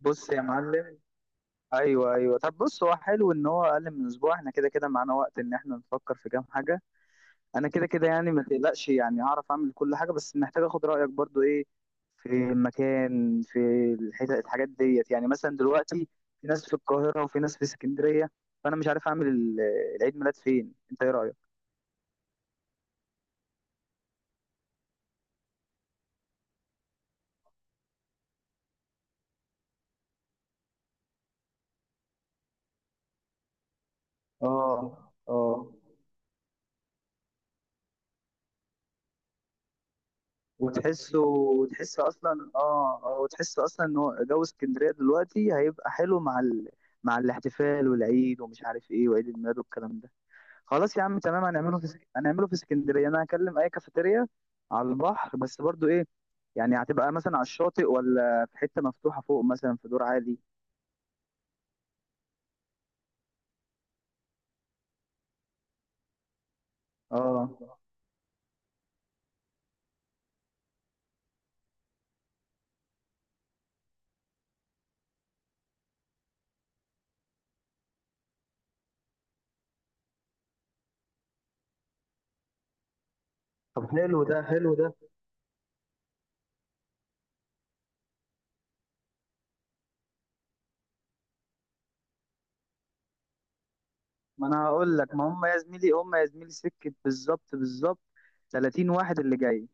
بص يا معلم. ايوه، ايوه، طب بص، هو حلو ان هو اقل من اسبوع، احنا كده كده معانا وقت ان احنا نفكر في كام حاجه. انا كده كده، يعني ما تقلقش، يعني هعرف اعمل كل حاجه، بس محتاج اخد رايك برضو ايه في المكان، في الحتة، الحاجات ديت. يعني مثلا دلوقتي في ناس في القاهره وفي ناس في اسكندريه، فانا مش عارف اعمل العيد ميلاد فين. انت ايه رايك؟ اه، اه، وتحس اصلا ان هو جو اسكندريه دلوقتي هيبقى حلو مع مع الاحتفال والعيد ومش عارف ايه، وعيد الميلاد والكلام ده. خلاص يا عم، تمام. هنعمله في اسكندريه. انا هكلم اي كافيتيريا على البحر، بس برضو ايه، يعني هتبقى مثلا على الشاطئ ولا في حته مفتوحه فوق، مثلا في دور عالي؟ اه، طب حلو ده، حلو ده. ما انا هقول لك، ما هم يا زميلي، سكه. بالظبط، بالظبط، 30 واحد اللي جاي.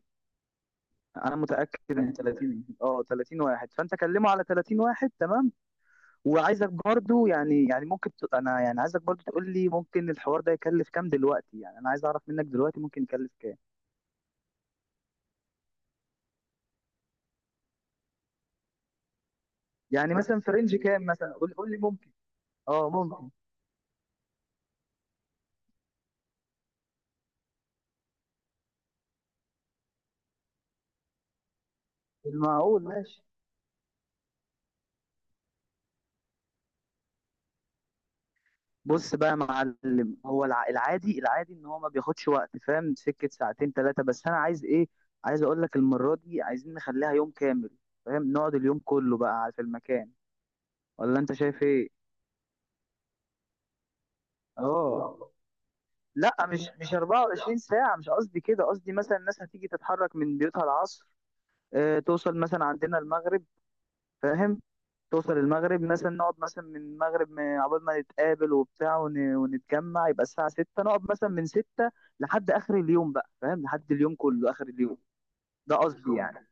انا متاكد ان 30 واحد، فانت كلمه على 30 واحد. تمام. وعايزك برضو، يعني، انا يعني عايزك برضو تقول لي ممكن الحوار ده يكلف كام دلوقتي. يعني انا عايز اعرف منك دلوقتي ممكن يكلف كام. يعني مثلا في رينج كام مثلا، قول لي ممكن. اه، ممكن المعقول. ماشي. بص بقى يا معلم، هو العادي، العادي ان هو ما بياخدش وقت، فاهم، سكه ساعتين ثلاثه. بس انا عايز ايه، عايز اقول لك المره دي عايزين نخليها يوم كامل، فاهم، نقعد اليوم كله بقى في المكان. ولا انت شايف ايه؟ اه، لا، مش 24 ساعة. مش قصدي كده، قصدي مثلا الناس هتيجي تتحرك من بيوتها العصر، توصل مثلا عندنا المغرب، فاهم، توصل المغرب مثلا، نقعد مثلا من المغرب عقبال ما نتقابل وبتاع ونتجمع، يبقى الساعة 6 نقعد مثلا من 6 لحد آخر اليوم بقى، فاهم، لحد اليوم كله، آخر اليوم. ده قصدي يعني.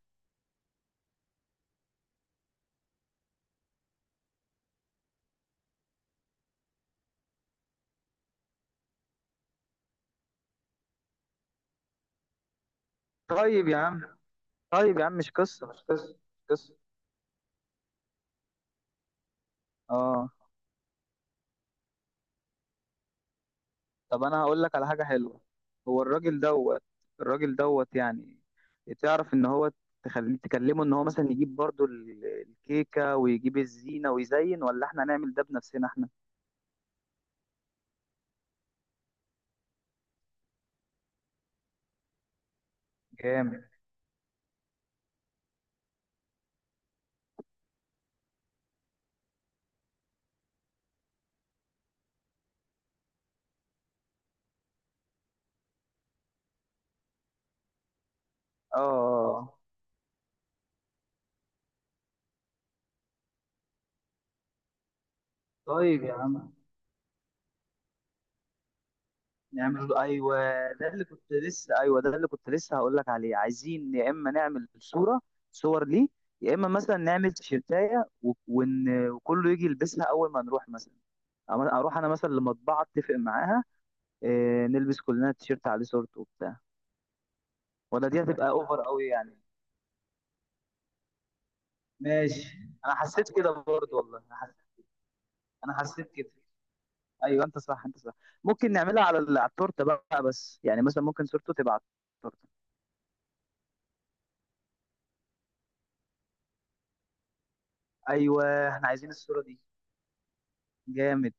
طيب يا عم طيب يا عم، مش قصة، مش قصة، مش قصة. اه، طب انا هقول لك على حاجه حلوه. هو الراجل دوت، يعني تعرف ان هو تخليه تكلمه ان هو مثلا يجيب برضو الكيكه ويجيب الزينه ويزين، ولا احنا نعمل ده بنفسنا احنا؟ جامد. اه، طيب يا عم، نعمل، ايوه، ده اللي كنت لسه هقول لك عليه. عايزين يا اما نعمل صوره، صور ليه، يا اما مثلا نعمل تيشيرتايه وكله يجي يلبسها اول ما نروح مثلا، اروح انا مثلا لمطبعه اتفق معاها إيه، نلبس كلنا تيشيرت عليه صورته وبتاع، ولا دي هتبقى اوفر قوي يعني؟ ماشي، انا حسيت كده برضه، والله انا حسيت كده. ايوه، انت صح، انت صح. ممكن نعملها على على التورته بقى، بس يعني مثلا ممكن صورته تبقى على التورته. ايوه، احنا عايزين الصوره دي. جامد،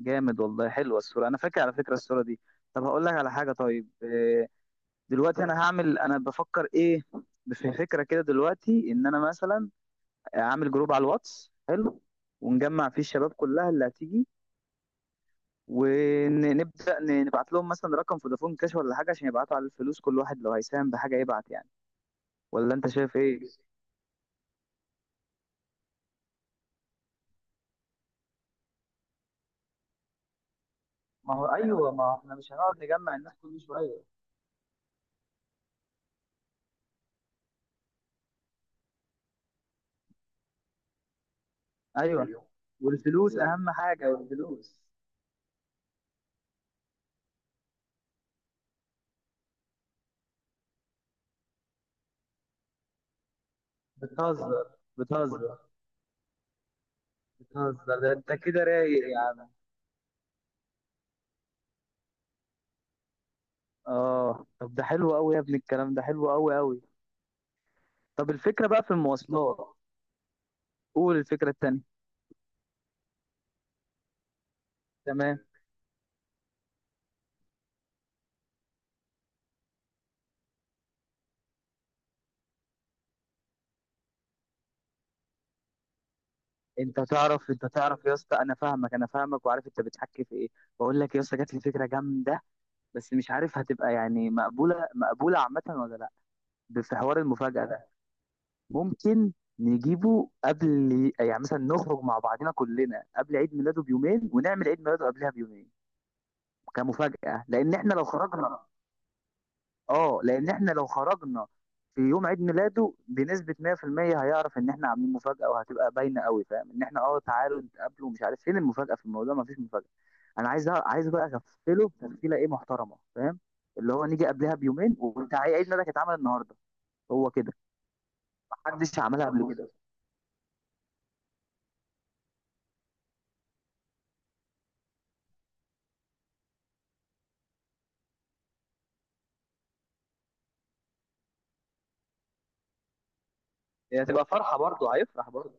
جامد، والله حلوه الصوره، انا فاكر على فكره الصوره دي. طب هقول لك على حاجه، طيب دلوقتي انا هعمل انا بفكر ايه، في فكره كده دلوقتي ان انا مثلا اعمل جروب على الواتس، حلو، ونجمع فيه الشباب كلها اللي هتيجي، ونبدا نبعت لهم مثلا رقم فودافون كاش ولا حاجه عشان يبعتوا على الفلوس، كل واحد لو هيساهم بحاجه يبعت يعني. ولا انت شايف ايه؟ ما هو ايوه، ما احنا مش هنقعد نجمع الناس كل شويه. ايوه، والفلوس اهم حاجه، والفلوس. بتهزر، بتهزر، بتهزر، ده انت كده رايق يا عم. اه، طب ده حلو قوي يا ابني، الكلام ده حلو قوي قوي. طب الفكره بقى في المواصلات. قول الفكره التانيه. تمام. انت تعرف يا اسطى، انا فاهمك، وعارف انت بتحكي في ايه. بقول لك يا اسطى، جات لي فكره جامده، بس مش عارف هتبقى يعني مقبوله، مقبوله عامه ولا لا. في حوار المفاجاه ده، ممكن نجيبه قبل، يعني مثلا نخرج مع بعضنا كلنا قبل عيد ميلاده بيومين ونعمل عيد ميلاده قبلها بيومين كمفاجاه. لان احنا لو خرجنا، اه لان احنا لو خرجنا في يوم عيد ميلاده بنسبه 100% هيعرف ان احنا عاملين مفاجاه، وهتبقى باينه قوي، فاهم، ان احنا تعالوا نتقابلوا ومش عارف فين المفاجاه في الموضوع، مفيش مفاجاه. انا عايز بقى اغفله تغفيله ايه محترمه، فاهم. اللي هو نيجي قبلها بيومين، وانت عيد ميلادك اتعمل النهارده. هو كده. محدش عملها قبل كده. هي هتبقى فرحه برضه، هيفرح برضه.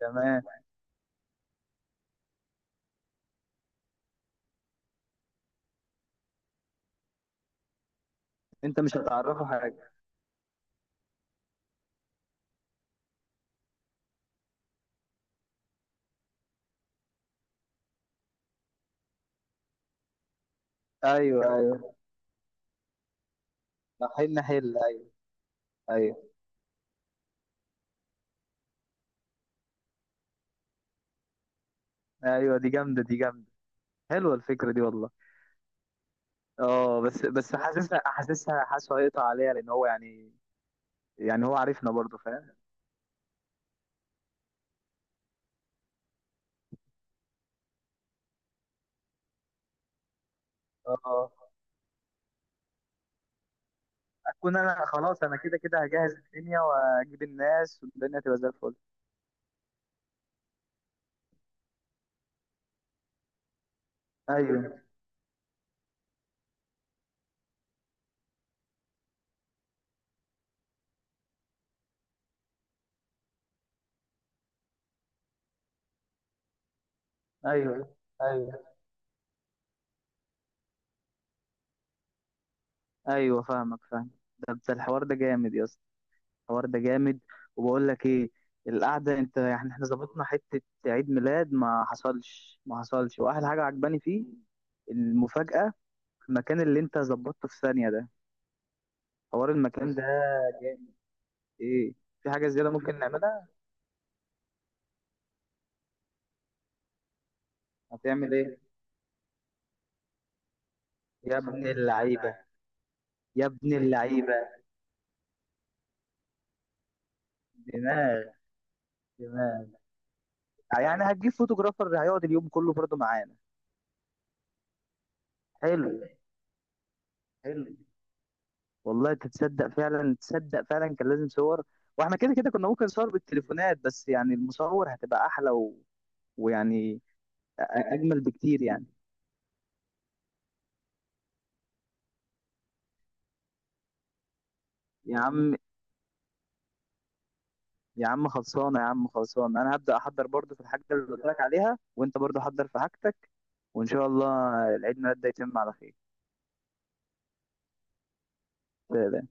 تمام. انت مش هتعرفه حاجه. ايوه، ايوه، حل، ايوه. ايوه، ايوه، دي جامده، دي جامده. حلوه الفكره دي والله. اه، بس حاسسها حاسسها حاسه هيقطع عليا، لان هو يعني، هو عارفنا برضه، فاهم. اه، اكون انا خلاص، انا كده كده هجهز الدنيا واجيب الناس، والدنيا تبقى زي الفل. ايوه، ايوه، ايوه، ايوه، فاهمك، فاهم. ده الحوار ده جامد يا اسطى، الحوار ده جامد. وبقول لك ايه، القعده، انت يعني احنا ظبطنا حته عيد ميلاد ما حصلش، ما حصلش، واحلى حاجه عجباني فيه المفاجاه، في المكان اللي انت ظبطته في ثانيه ده. حوار المكان ده ايه، في حاجه زياده ممكن نعملها؟ هتعمل ايه يا ابن اللعيبه، يا ابن اللعيبه. دماغ، دماغ. يعني هتجيب فوتوغرافر هيقعد اليوم كله برضه معانا. حلو، حلو، والله تتصدق فعلا تصدق فعلا كان لازم صور. واحنا كده كده كنا ممكن نصور بالتليفونات، بس يعني المصور هتبقى احلى ويعني اجمل بكتير يعني. يا عم، خلصانه يا عم، خلصانه. انا هبدا احضر برضه في الحاجه اللي قلت لك عليها، وانت برضه حضر في حاجتك، وان شاء الله العيد ميلاد ده يتم على خير. سلام.